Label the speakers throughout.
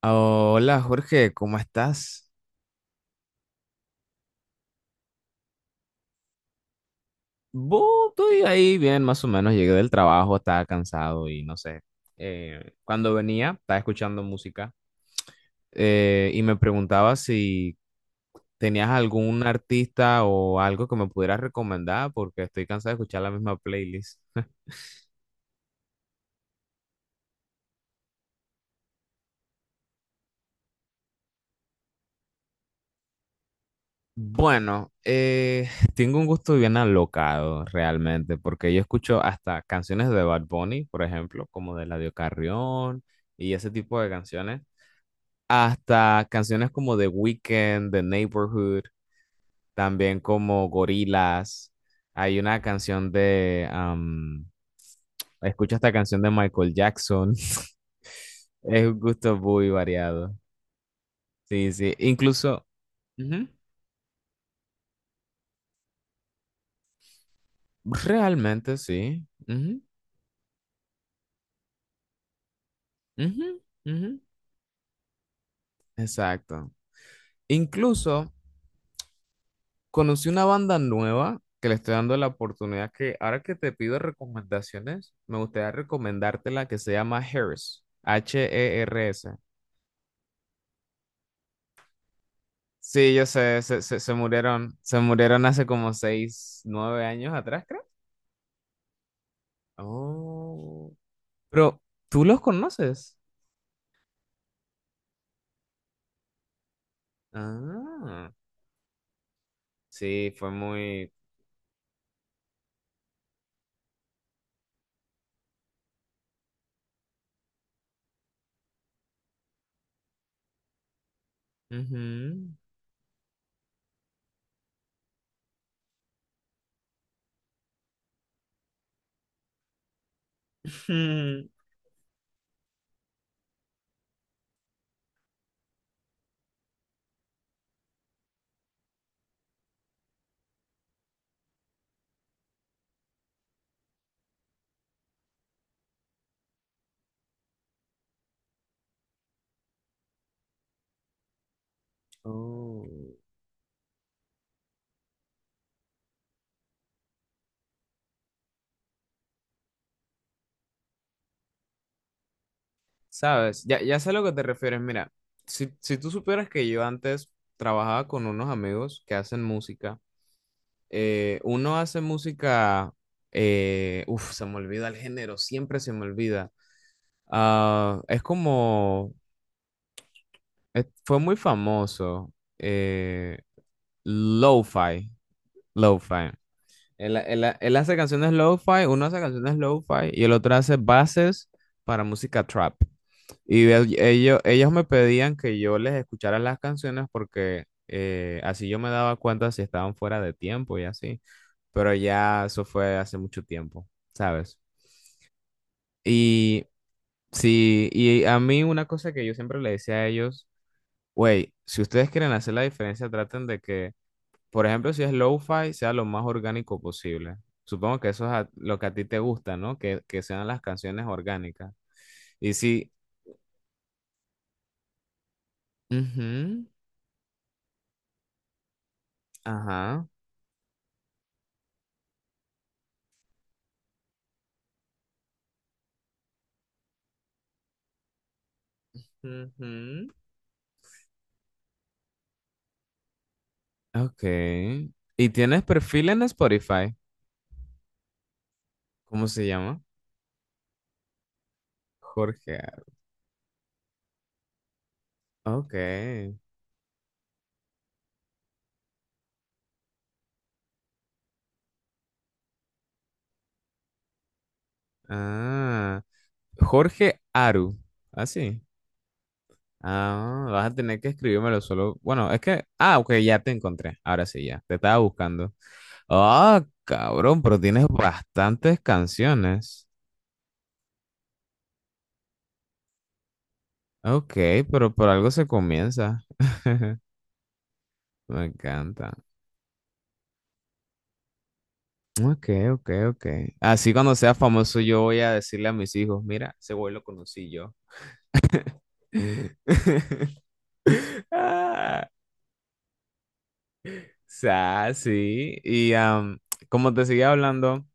Speaker 1: Ah, hola Jorge, ¿cómo estás? Bu, estoy ahí bien, más o menos. Llegué del trabajo, estaba cansado y no sé. Cuando venía, estaba escuchando música, y me preguntaba si tenías algún artista o algo que me pudieras recomendar porque estoy cansado de escuchar la misma playlist. Bueno, tengo un gusto bien alocado realmente, porque yo escucho hasta canciones de Bad Bunny, por ejemplo, como de Eladio Carrión y ese tipo de canciones. Hasta canciones como The Weeknd, The Neighborhood, también como Gorillaz. Hay una canción de, escucha esta canción de Michael Jackson. Es un gusto muy variado. Sí, sí. Incluso, ujú, realmente sí. Ujú, ujú, ujú. Exacto. Incluso conocí una banda nueva que le estoy dando la oportunidad que ahora que te pido recomendaciones, me gustaría recomendarte la que se llama Hers, Hers. Sí, yo sé, se murieron hace como seis, nueve años atrás, creo. Oh, pero ¿tú los conoces? Ah, sí, fue muy... Ujú. Oh. Sabes, ya, ya sé a lo que te refieres. Mira, si tú supieras que yo antes trabajaba con unos amigos que hacen música, uno hace música, uf, se me olvida el género, siempre se me olvida. Ah, es como, fue muy famoso, eh, lo-fi, lo-fi. Él hace canciones lo-fi, uno hace canciones lo-fi y el otro hace bases para música trap. Y ellos me pedían que yo les escuchara las canciones porque así yo me daba cuenta si estaban fuera de tiempo y así. Pero ya eso fue hace mucho tiempo, ¿sabes? Y sí, y a mí una cosa que yo siempre le decía a ellos, güey, si ustedes quieren hacer la diferencia, traten de que por ejemplo, si es lo-fi, sea lo más orgánico posible. Supongo que eso es lo que a ti te gusta, ¿no? Que sean las canciones orgánicas. Y si... Ujú, ajá. Ujú, ok. ¿Y tienes perfil en Spotify? ¿Cómo se llama? Jorge. Ok. Ah. Jorge Aru. Así. Ah, vas a tener que escribírmelo solo. Bueno, es que. Ah, ok, ya te encontré. Ahora sí, ya. Te estaba buscando. Ah, cabrón, pero tienes bastantes canciones. Ok, pero por algo se comienza. Me encanta. Ok, ok, ok. Así cuando sea famoso yo voy a decirle a mis hijos, mira, ese güey lo conocí yo. Ah, sea, sí. Y como te seguía hablando,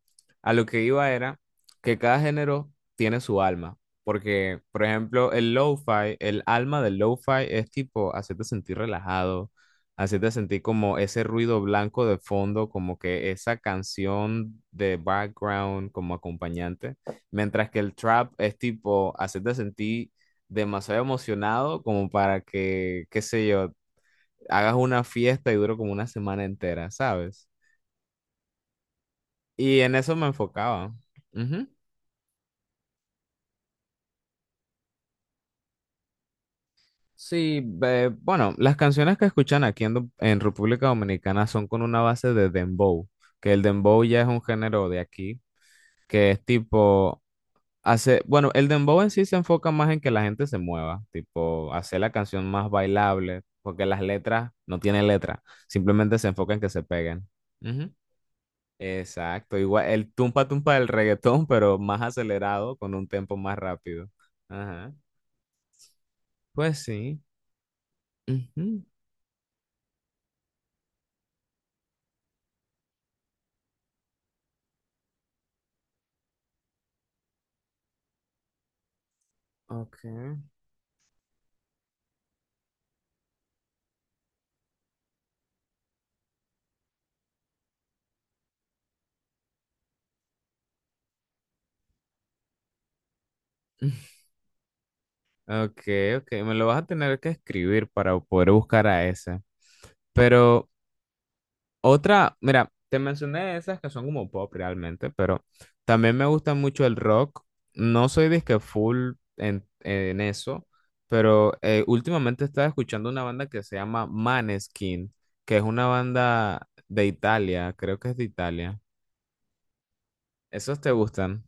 Speaker 1: a lo que iba era que cada género tiene su alma. Porque, por ejemplo, el lo-fi, el alma del lo-fi es tipo hacerte sentir relajado, hacerte sentir como ese ruido blanco de fondo, como que esa canción de background como acompañante. Mientras que el trap es tipo hacerte sentir demasiado emocionado como para que, qué sé yo, hagas una fiesta y duro como una semana entera, ¿sabes? Y en eso me enfocaba. Ujú. Sí, bueno, las canciones que escuchan aquí en República Dominicana son con una base de dembow, que el dembow ya es un género de aquí, que es tipo, bueno, el dembow en sí se enfoca más en que la gente se mueva, tipo, hacer la canción más bailable, porque las letras no tienen letra, simplemente se enfoca en que se peguen. Exacto, igual el tumpa tumpa del reggaetón, pero más acelerado, con un tempo más rápido. Ajá. Pues sí. Ujú. Ok. Ok, ok, me lo vas a tener que escribir para poder buscar a esa. Pero otra, mira, te mencioné esas que son como pop realmente, pero también me gusta mucho el rock. No soy disque full en eso, pero últimamente estaba escuchando una banda que se llama Maneskin, que es una banda de Italia, creo que es de Italia. ¿Esos te gustan?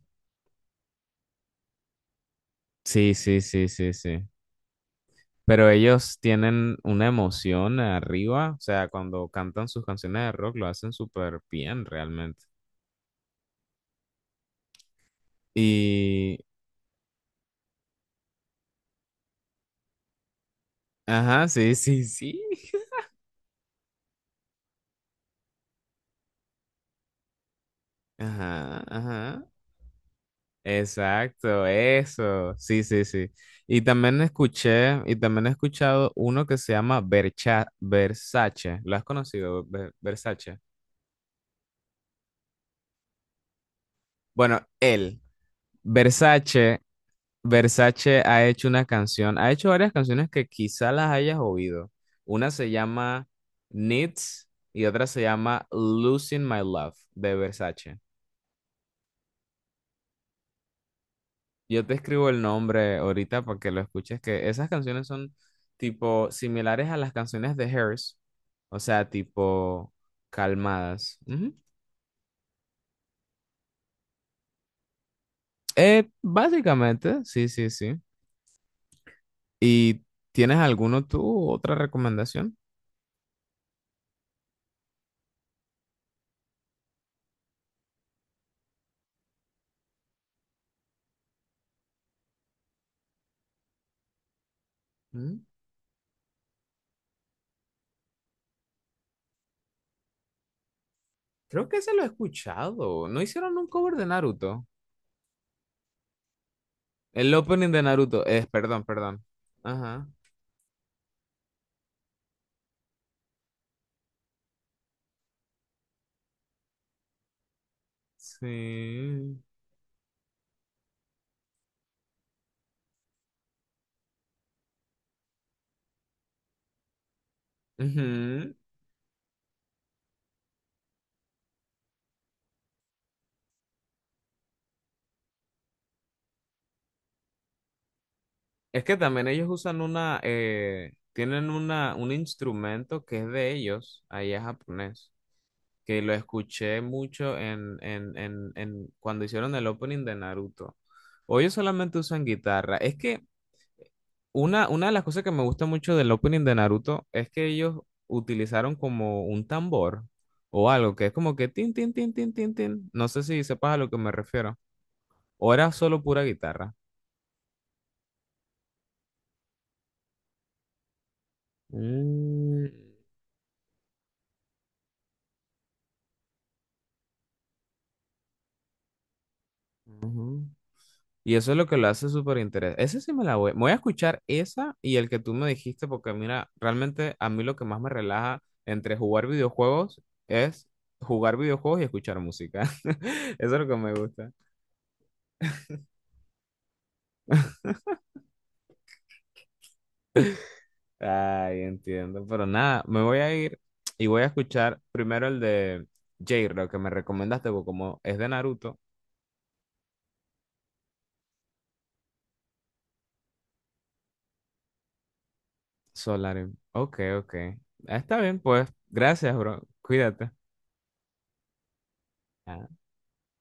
Speaker 1: Sí, sí, sí, sí, sí. Pero ellos tienen una emoción arriba, o sea, cuando cantan sus canciones de rock lo hacen súper bien realmente. Y Ajá, sí, sí, sí. Ajá, ajá. Exacto, eso. Sí, sí, sí. Y también escuché, y también he escuchado uno que se llama Versace. ¿Lo has conocido, Versace? Bueno, Versace, Versace ha hecho una canción, ha hecho varias canciones que quizá las hayas oído. Una se llama Needs y otra se llama Losing My Love de Versace. Yo te escribo el nombre ahorita para que lo escuches, que esas canciones son tipo similares a las canciones de Hers, o sea, tipo calmadas. Ujú. Básicamente, sí, sí, sí. ¿Y tienes alguno tú, otra recomendación? Mm. Creo que se lo he escuchado. ¿No hicieron un cover de Naruto? El opening de Naruto, perdón, perdón. Ajá, sí. Ujú. Es que también ellos usan una, tienen una, un instrumento que es de ellos, ahí es japonés, que lo escuché mucho en cuando hicieron el opening de Naruto. O ellos solamente usan guitarra. Es que una de las cosas que me gusta mucho del opening de Naruto es que ellos utilizaron como un tambor o algo que es como que tin, tin, tin, tin, tin, tin. No sé si sepas a lo que me refiero. O era solo pura guitarra. Mm, ujú. Y eso es lo que lo hace súper interesante. Ese sí me la voy. Me voy a escuchar esa y el que tú me dijiste, porque mira, realmente a mí lo que más me relaja entre jugar videojuegos es jugar videojuegos y escuchar música. Eso es lo que me gusta. Ay, entiendo. Pero nada, me voy a ir y voy a escuchar primero el de J, lo que me recomendaste, porque como es de Naruto, Solarin. Ok, ok. Ah, está bien, pues. Gracias, bro. Cuídate.